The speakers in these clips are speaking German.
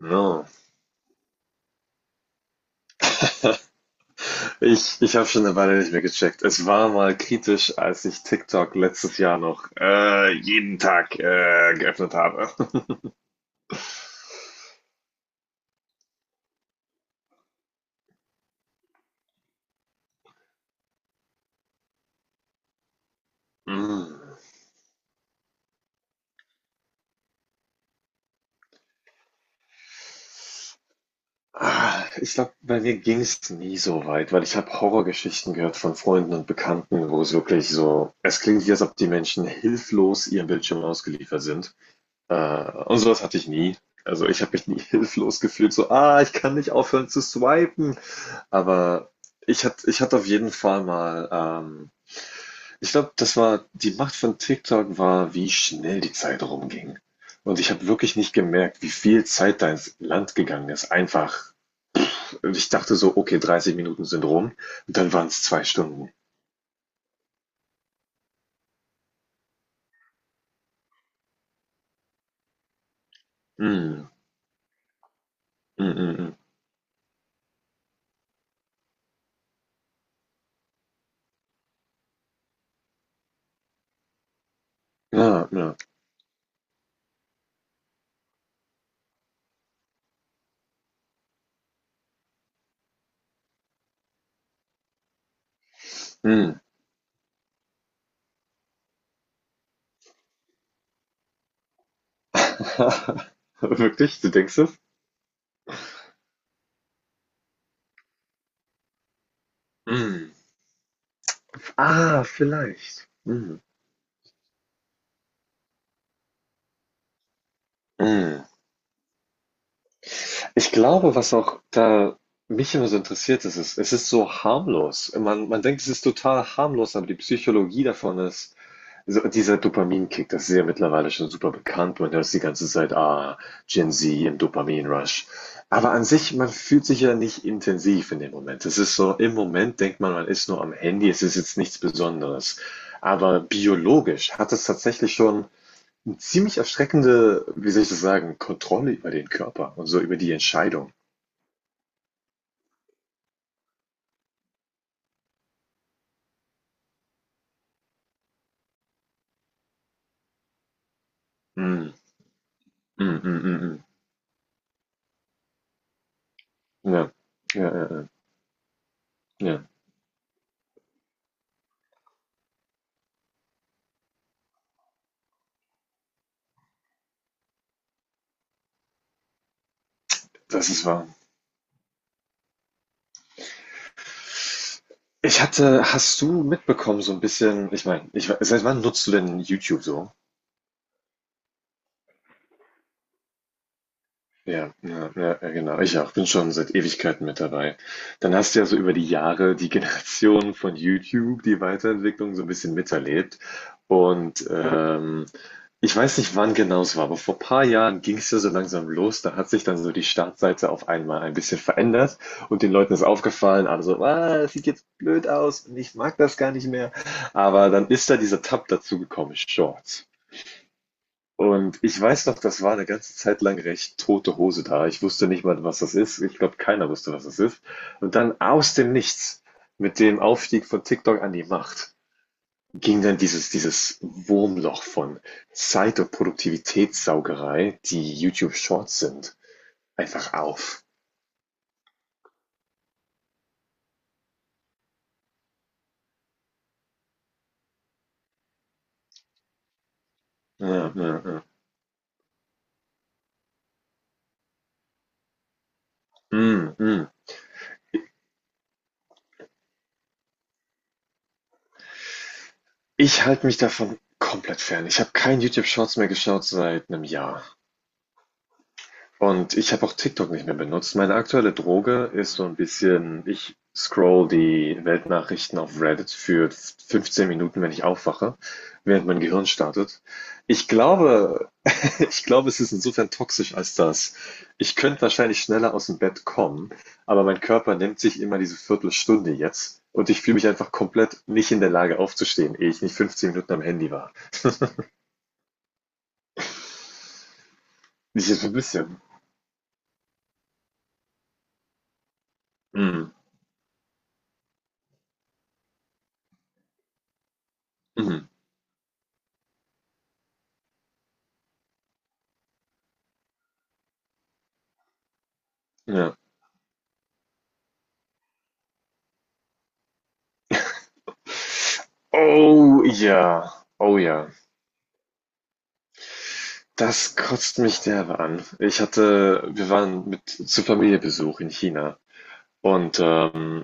No. Ich habe schon eine Weile nicht mehr gecheckt. Es war mal kritisch, als ich TikTok letztes Jahr noch jeden Tag geöffnet habe. Mm. Ich glaube, bei mir ging es nie so weit, weil ich habe Horrorgeschichten gehört von Freunden und Bekannten, wo es wirklich so, es klingt wie, als ob die Menschen hilflos ihrem Bildschirm ausgeliefert sind. Äh, und sowas hatte ich nie. Also ich habe mich nie hilflos gefühlt, so, ah, ich kann nicht aufhören zu swipen. Aber ich hatte auf jeden Fall mal, ich glaube, das war die Macht von TikTok war, wie schnell die Zeit rumging. Und ich habe wirklich nicht gemerkt, wie viel Zeit da ins Land gegangen ist. Einfach, ich dachte so, okay, 30 Minuten sind rum und dann waren es zwei Stunden. Mm, mm, mm, mm. Ja, ja, mm. Wirklich? Du denkst es? Mm. Ah, vielleicht. Mm. Ich glaube, was auch da mich immer so interessiert, ist es, es ist so harmlos. Man denkt, es ist total harmlos, aber die Psychologie davon ist, so dieser Dopaminkick, das ist ja mittlerweile schon super bekannt. Man hört es die ganze Zeit, ah, Gen Z im Dopaminrush. Aber an sich, man fühlt sich ja nicht intensiv in dem Moment. Es ist so, im Moment denkt man, man ist nur am Handy, es ist jetzt nichts Besonderes. Aber biologisch hat es tatsächlich schon eine ziemlich erschreckende, wie soll ich das sagen, Kontrolle über den Körper und so über die Entscheidung. Mhm. Mhm, mhm, mhm. Ja. Ja, ja, ja. Ja, das ist wahr. Ich hatte, hast du mitbekommen, so ein bisschen, ich meine, ich, we- seit wann nutzt du denn YouTube so? Ja, ja, ja, ja, genau. Ich auch. Bin schon seit Ewigkeiten mit dabei. Dann hast du ja so über die Jahre die Generation von YouTube, die Weiterentwicklung so ein bisschen miterlebt. Und ich weiß nicht, wann genau es war, aber vor ein paar Jahren ging es ja so langsam los. Da hat sich dann so die Startseite auf einmal ein bisschen verändert und den Leuten ist aufgefallen, also ah, das sieht jetzt blöd aus und ich mag das gar nicht mehr. Aber dann ist da dieser Tab dazu gekommen, Shorts. Und ich weiß noch, das war eine ganze Zeit lang recht tote Hose da. Ich wusste nicht mal, was das ist. Ich glaube, keiner wusste, was das ist. Und dann aus dem Nichts, mit dem Aufstieg von TikTok an die Macht, ging dann dieses Wurmloch von Zeit und Produktivitätssaugerei, die YouTube Shorts sind, einfach auf. Ja, ja, ja. Mhm, mhm. Ich halte mich davon komplett fern. Ich habe kein YouTube Shorts mehr geschaut seit 'nem Jahr. Und ich habe auch TikTok nicht mehr benutzt. Meine aktuelle Droge ist so ein bisschen, ich scroll die Weltnachrichten auf Reddit für 15 Minuten, wenn ich aufwache, während mein Gehirn startet. Ich glaube, ich glaube, es ist insofern toxisch als das. Ich könnte wahrscheinlich schneller aus dem Bett kommen, aber mein Körper nimmt sich immer diese Viertelstunde jetzt und ich fühle mich einfach komplett nicht in der Lage aufzustehen, ehe ich nicht 15 Minuten am Handy war. Ich so ein bisschen. Mm, mm, ja. Oh ja, oh ja. Das kotzt mich derbe an. Ich hatte wir waren mit zu Familienbesuch in China und,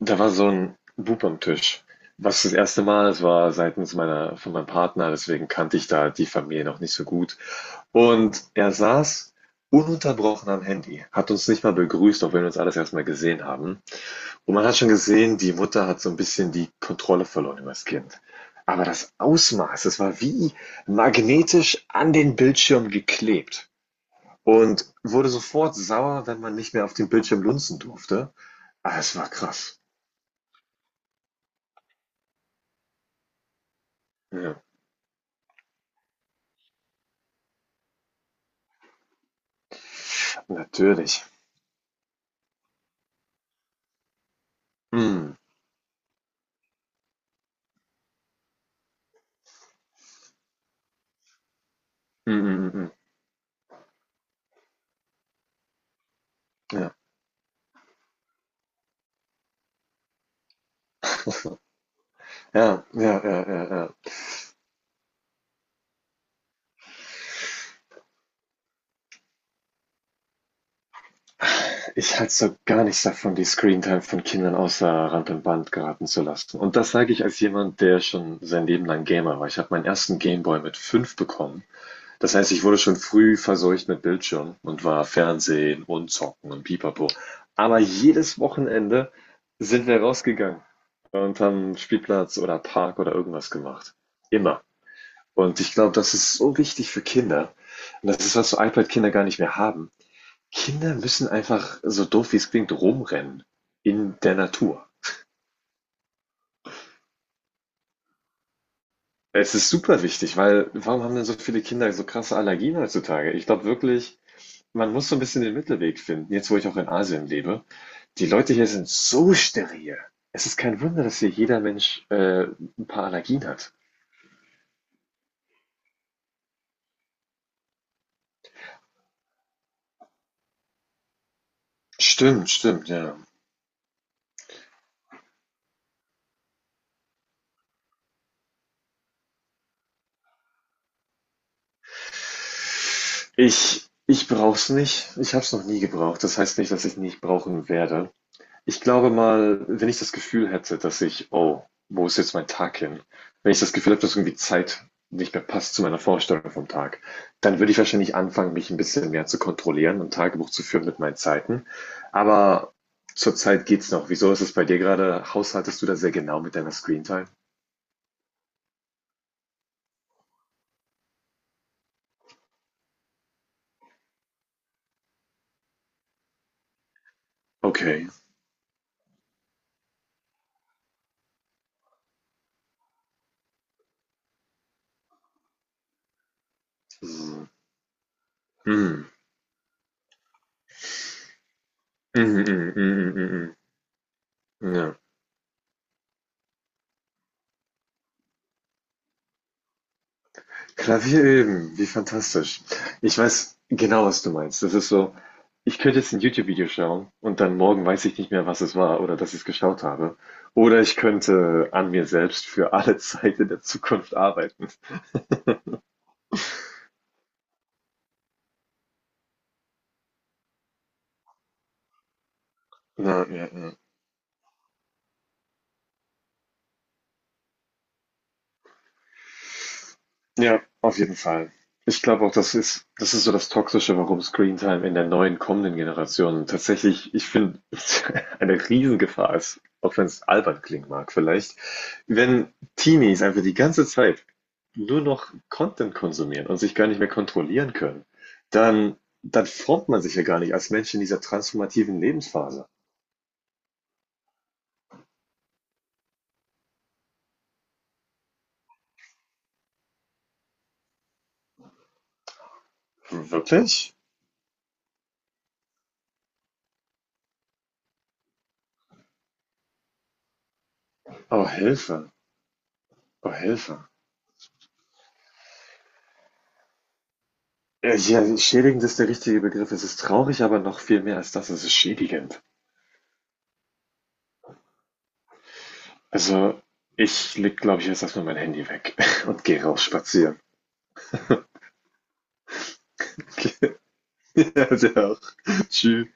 da war so ein Bub am Tisch, was das erste Mal es war seitens meiner von meinem Partner, deswegen kannte ich da die Familie noch nicht so gut. Und er saß ununterbrochen am Handy, hat uns nicht mal begrüßt, auch wenn wir uns alles erst mal gesehen haben. Und man hat schon gesehen, die Mutter hat so ein bisschen die Kontrolle verloren über das Kind. Aber das Ausmaß, das war wie magnetisch an den Bildschirm geklebt und wurde sofort sauer, wenn man nicht mehr auf dem Bildschirm lunzen durfte. Ah, es war krass. Ja, natürlich. Mhm. Mhm, mhm, mhm. Ja. Ja, ja, ja, ja, ja. Ich halte so gar nichts davon, die Screentime von Kindern außer Rand und Band geraten zu lassen. Und das sage ich als jemand, der schon sein Leben lang Gamer war. Ich habe meinen ersten Gameboy mit fünf bekommen. Das heißt, ich wurde schon früh verseucht mit Bildschirm und war Fernsehen und Zocken und Pipapo. Aber jedes Wochenende sind wir rausgegangen und haben Spielplatz oder Park oder irgendwas gemacht. Immer. Und ich glaube, das ist so wichtig für Kinder. Und das ist, was so iPad-Kinder gar nicht mehr haben. Kinder müssen einfach, so doof wie es klingt, rumrennen in der Natur. Es ist super wichtig, weil warum haben denn so viele Kinder so krasse Allergien heutzutage? Ich glaube wirklich, man muss so ein bisschen den Mittelweg finden. Jetzt, wo ich auch in Asien lebe, die Leute hier sind so steril. Es ist kein Wunder, dass hier jeder Mensch, 'n paar Allergien hat. Stimmt, stimmt, ja. Ich ich brauche es nicht. Ich habe es noch nie gebraucht. Das heißt nicht, dass ich nicht brauchen werde. Ich glaube mal, wenn ich das Gefühl hätte, dass ich oh, wo ist jetzt mein Tag hin? Wenn ich das Gefühl habe, dass irgendwie Zeit nicht mehr passt zu meiner Vorstellung vom Tag, dann würde ich wahrscheinlich anfangen, mich ein bisschen mehr zu kontrollieren und Tagebuch zu führen mit meinen Zeiten. Aber zurzeit geht's noch. Wieso ist es bei dir gerade? Haushaltest du da sehr genau mit deiner Screentime? Okay. Mhm. Mhm. Mhm, mhm, mhm, mhm, mhm. Ja. Klavier üben, wie fantastisch. Ich weiß genau, was du meinst. Das ist so, ich könnte jetzt ein YouTube-Video schauen und dann morgen weiß ich nicht mehr, was es war oder dass ich es geschaut habe. Oder ich könnte an mir selbst für alle Zeit in der Zukunft arbeiten. Ja, ja, ja. Ja, auf jeden Fall. Ich glaube auch, das ist so das Toxische, warum Screentime in der neuen kommenden Generation tatsächlich, ich finde, eine Riesengefahr ist, auch wenn es albern klingen mag vielleicht, wenn Teenies einfach die ganze Zeit nur noch Content konsumieren und sich gar nicht mehr kontrollieren können, dann dann formt man sich ja gar nicht als Mensch in dieser transformativen Lebensphase. Wirklich? Oh, Hilfe. Oh, Hilfe. Ja, ja, schädigend ist der richtige Begriff. Es ist traurig, aber noch viel mehr als das. Es ist schädigend. Also, ich leg, glaube ich, jetzt erstmal mein Handy weg und gehe raus spazieren. Ja, der auch. Tschüss.